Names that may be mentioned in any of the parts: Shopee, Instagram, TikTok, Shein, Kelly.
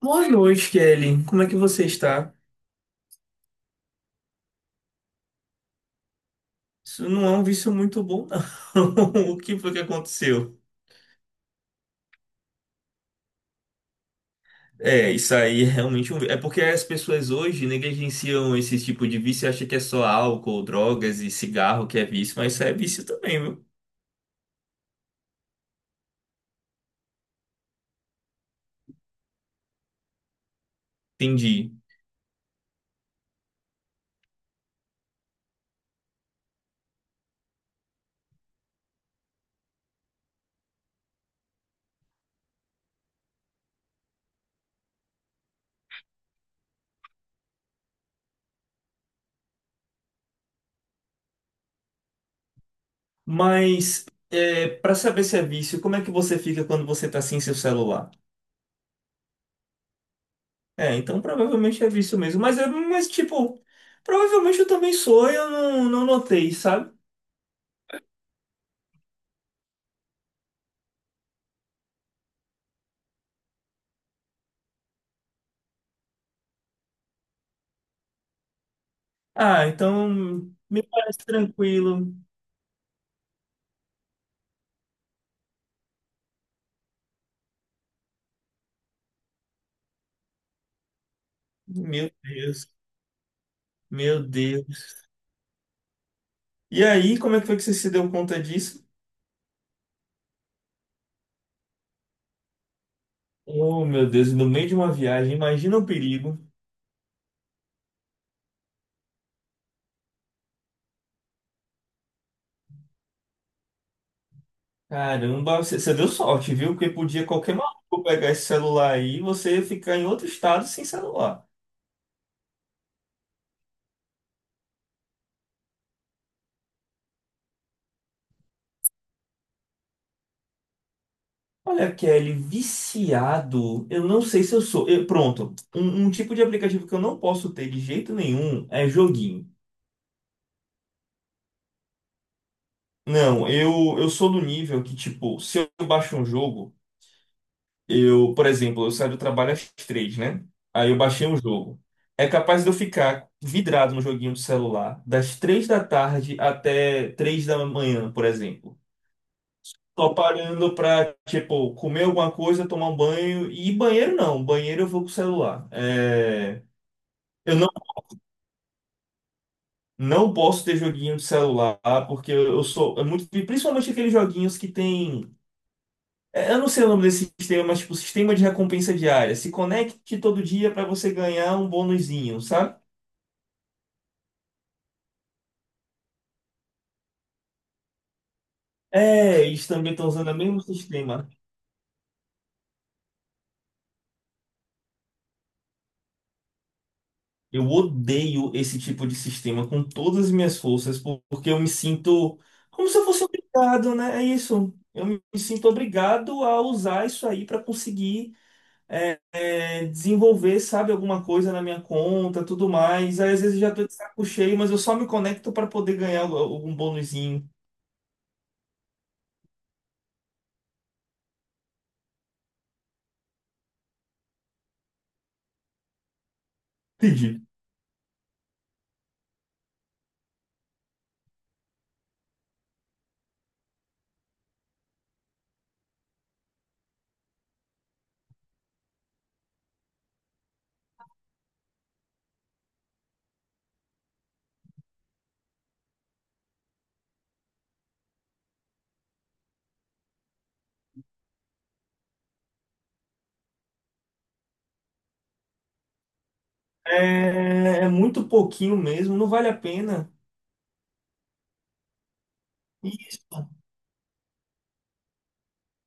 Boa noite, Kelly. Como é que você está? Isso não é um vício muito bom, não. O que foi que aconteceu? É, isso aí é realmente um... É porque as pessoas hoje negligenciam esse tipo de vício e acham que é só álcool, drogas e cigarro que é vício, mas isso é vício também, viu? Entendi. Mas, é, para saber se é vício, como é que você fica quando você tá sem seu celular? É, então provavelmente é vício mesmo. Mas, é, mas tipo, provavelmente eu também sou e eu não notei, sabe? Ah, então me parece tranquilo. Meu Deus, meu Deus. E aí, como é que foi que você se deu conta disso? Oh, meu Deus, no meio de uma viagem, imagina o perigo. Caramba, você deu sorte, viu? Porque podia qualquer maluco pegar esse celular aí e você ficar em outro estado sem celular. Olha, Kelly, viciado, eu não sei se eu sou. Pronto, um tipo de aplicativo que eu não posso ter de jeito nenhum é joguinho. Não, eu sou do nível que, tipo, se eu baixo um jogo. Eu, por exemplo, eu saio do trabalho às três, né? Aí eu baixei um jogo. É capaz de eu ficar vidrado no joguinho do celular das três da tarde até três da manhã, por exemplo. Tô parando pra, tipo, comer alguma coisa, tomar um banho. E banheiro não, banheiro eu vou com o celular. Eu não posso ter joguinho de celular, porque eu sou é muito, principalmente aqueles joguinhos que tem eu não sei o nome desse sistema, mas tipo, sistema de recompensa diária. Se conecte todo dia para você ganhar um bônusinho, sabe? É, eles também estão usando o mesmo sistema. Eu odeio esse tipo de sistema com todas as minhas forças, porque eu me sinto como se eu fosse obrigado, né? É isso. Eu me sinto obrigado a usar isso aí para conseguir desenvolver, sabe, alguma coisa na minha conta, tudo mais. Aí, às vezes eu já tô de saco cheio, mas eu só me conecto para poder ganhar algum bônusinho. Entendi. É, é muito pouquinho mesmo, não vale a pena. Isso.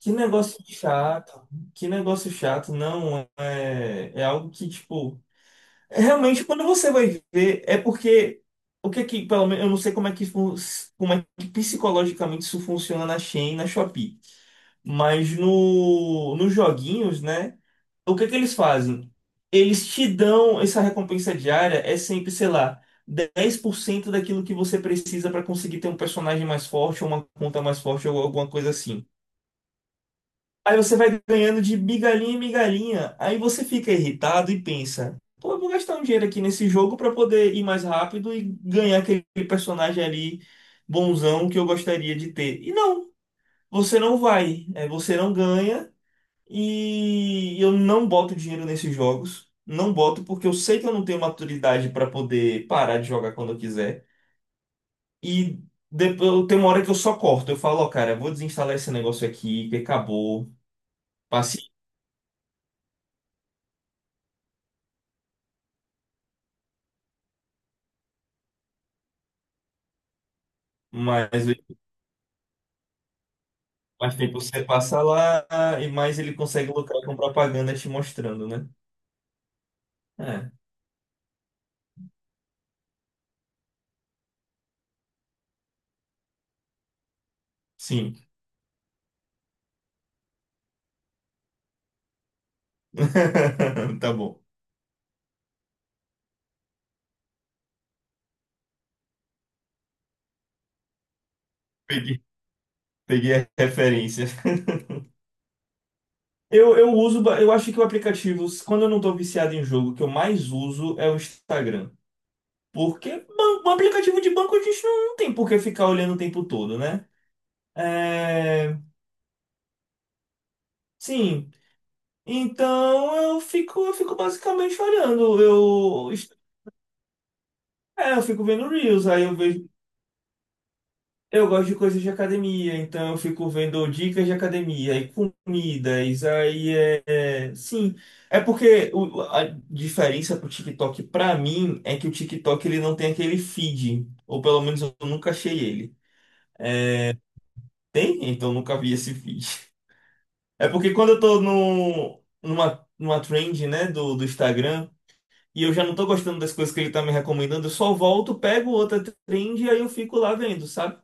Que negócio chato. Que negócio chato. Não, é, é algo que, tipo, realmente quando você vai ver, é porque o que é que, pelo menos, eu não sei como é que, como é que psicologicamente isso funciona na Shein, e na Shopee. Mas no, nos joguinhos, né? O que é que eles fazem? Eles te dão essa recompensa diária, é sempre, sei lá, 10% daquilo que você precisa para conseguir ter um personagem mais forte, ou uma conta mais forte, ou alguma coisa assim. Aí você vai ganhando de migalhinha em migalhinha, aí você fica irritado e pensa, pô, eu vou gastar um dinheiro aqui nesse jogo para poder ir mais rápido e ganhar aquele personagem ali bonzão que eu gostaria de ter. E não, você não vai, é, você não ganha. E eu não boto dinheiro nesses jogos. Não boto porque eu sei que eu não tenho maturidade para poder parar de jogar quando eu quiser. E depois eu tenho uma hora que eu só corto. Eu falo, ó, cara, vou desinstalar esse negócio aqui, que acabou. Passe mais, mais tempo você passa lá e mais ele consegue lucrar com propaganda te mostrando, né? É, sim. Tá bom. Peguei, peguei a referência. Eu uso, eu acho que o aplicativo, quando eu não tô viciado em jogo, o que eu mais uso é o Instagram. Porque um aplicativo de banco a gente não tem por que ficar olhando o tempo todo, né? É, sim. Então eu fico basicamente olhando. Eu, é, eu fico vendo Reels, aí eu vejo. Eu gosto de coisas de academia, então eu fico vendo dicas de academia e comidas. Aí é, é, sim. É porque a diferença pro TikTok pra mim é que o TikTok ele não tem aquele feed, ou pelo menos eu nunca achei ele. Tem? Então eu nunca vi esse feed. É porque quando eu tô no, numa trend, né, do Instagram, e eu já não tô gostando das coisas que ele tá me recomendando, eu só volto, pego outra trend e aí eu fico lá vendo, sabe?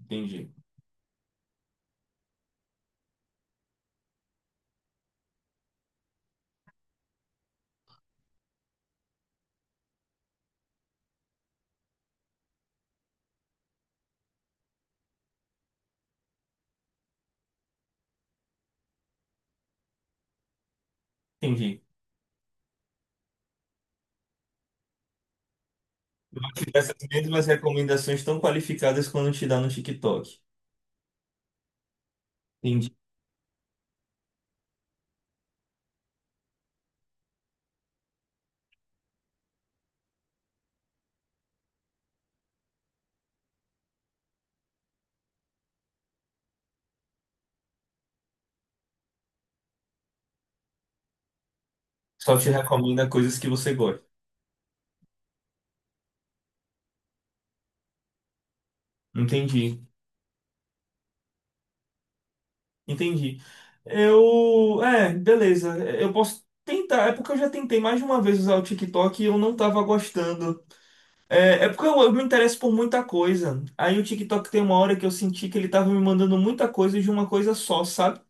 Entendi. Entendi. Essas mesmas recomendações tão qualificadas quando te dá no TikTok. Entendi. Só te recomenda coisas que você gosta. Entendi. Entendi. Eu. É, beleza. Eu posso tentar. É porque eu já tentei mais de uma vez usar o TikTok e eu não tava gostando. É, é porque eu me interesso por muita coisa. Aí o TikTok tem uma hora que eu senti que ele tava me mandando muita coisa de uma coisa só, sabe?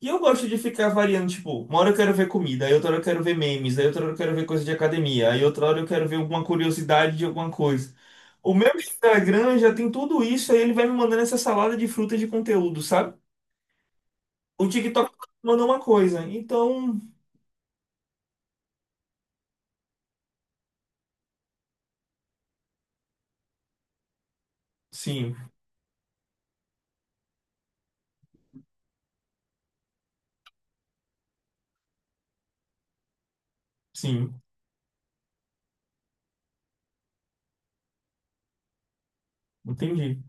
E eu gosto de ficar variando, tipo, uma hora eu quero ver comida, aí outra hora eu quero ver memes, aí outra hora eu quero ver coisa de academia, aí outra hora eu quero ver alguma curiosidade de alguma coisa. O meu Instagram já tem tudo isso, aí ele vai me mandando essa salada de frutas de conteúdo, sabe? O TikTok mandou uma coisa. Então, sim, sim, entendi.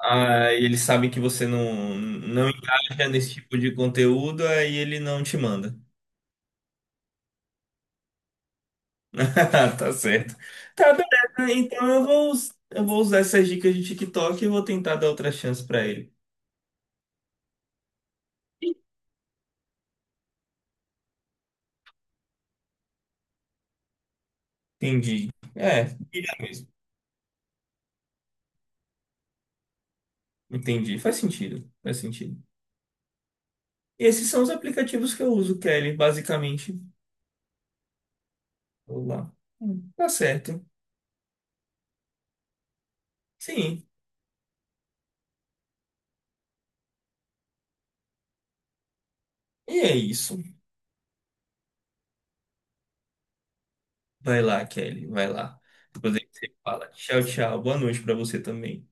Ah, e eles sabem que você não engaja nesse tipo de conteúdo, aí ele não te manda. Tá certo. Tá, beleza. Então eu vou, eu vou usar essas dicas de TikTok e vou tentar dar outra chance pra ele. Entendi. É, diria mesmo. Entendi. Faz sentido. Faz sentido. Esses são os aplicativos que eu uso, Kelly, basicamente. Vou lá. Tá certo. Sim. E é isso. Vai lá, Kelly. Vai lá. Depois a gente se fala. Tchau, tchau. Boa noite pra você também.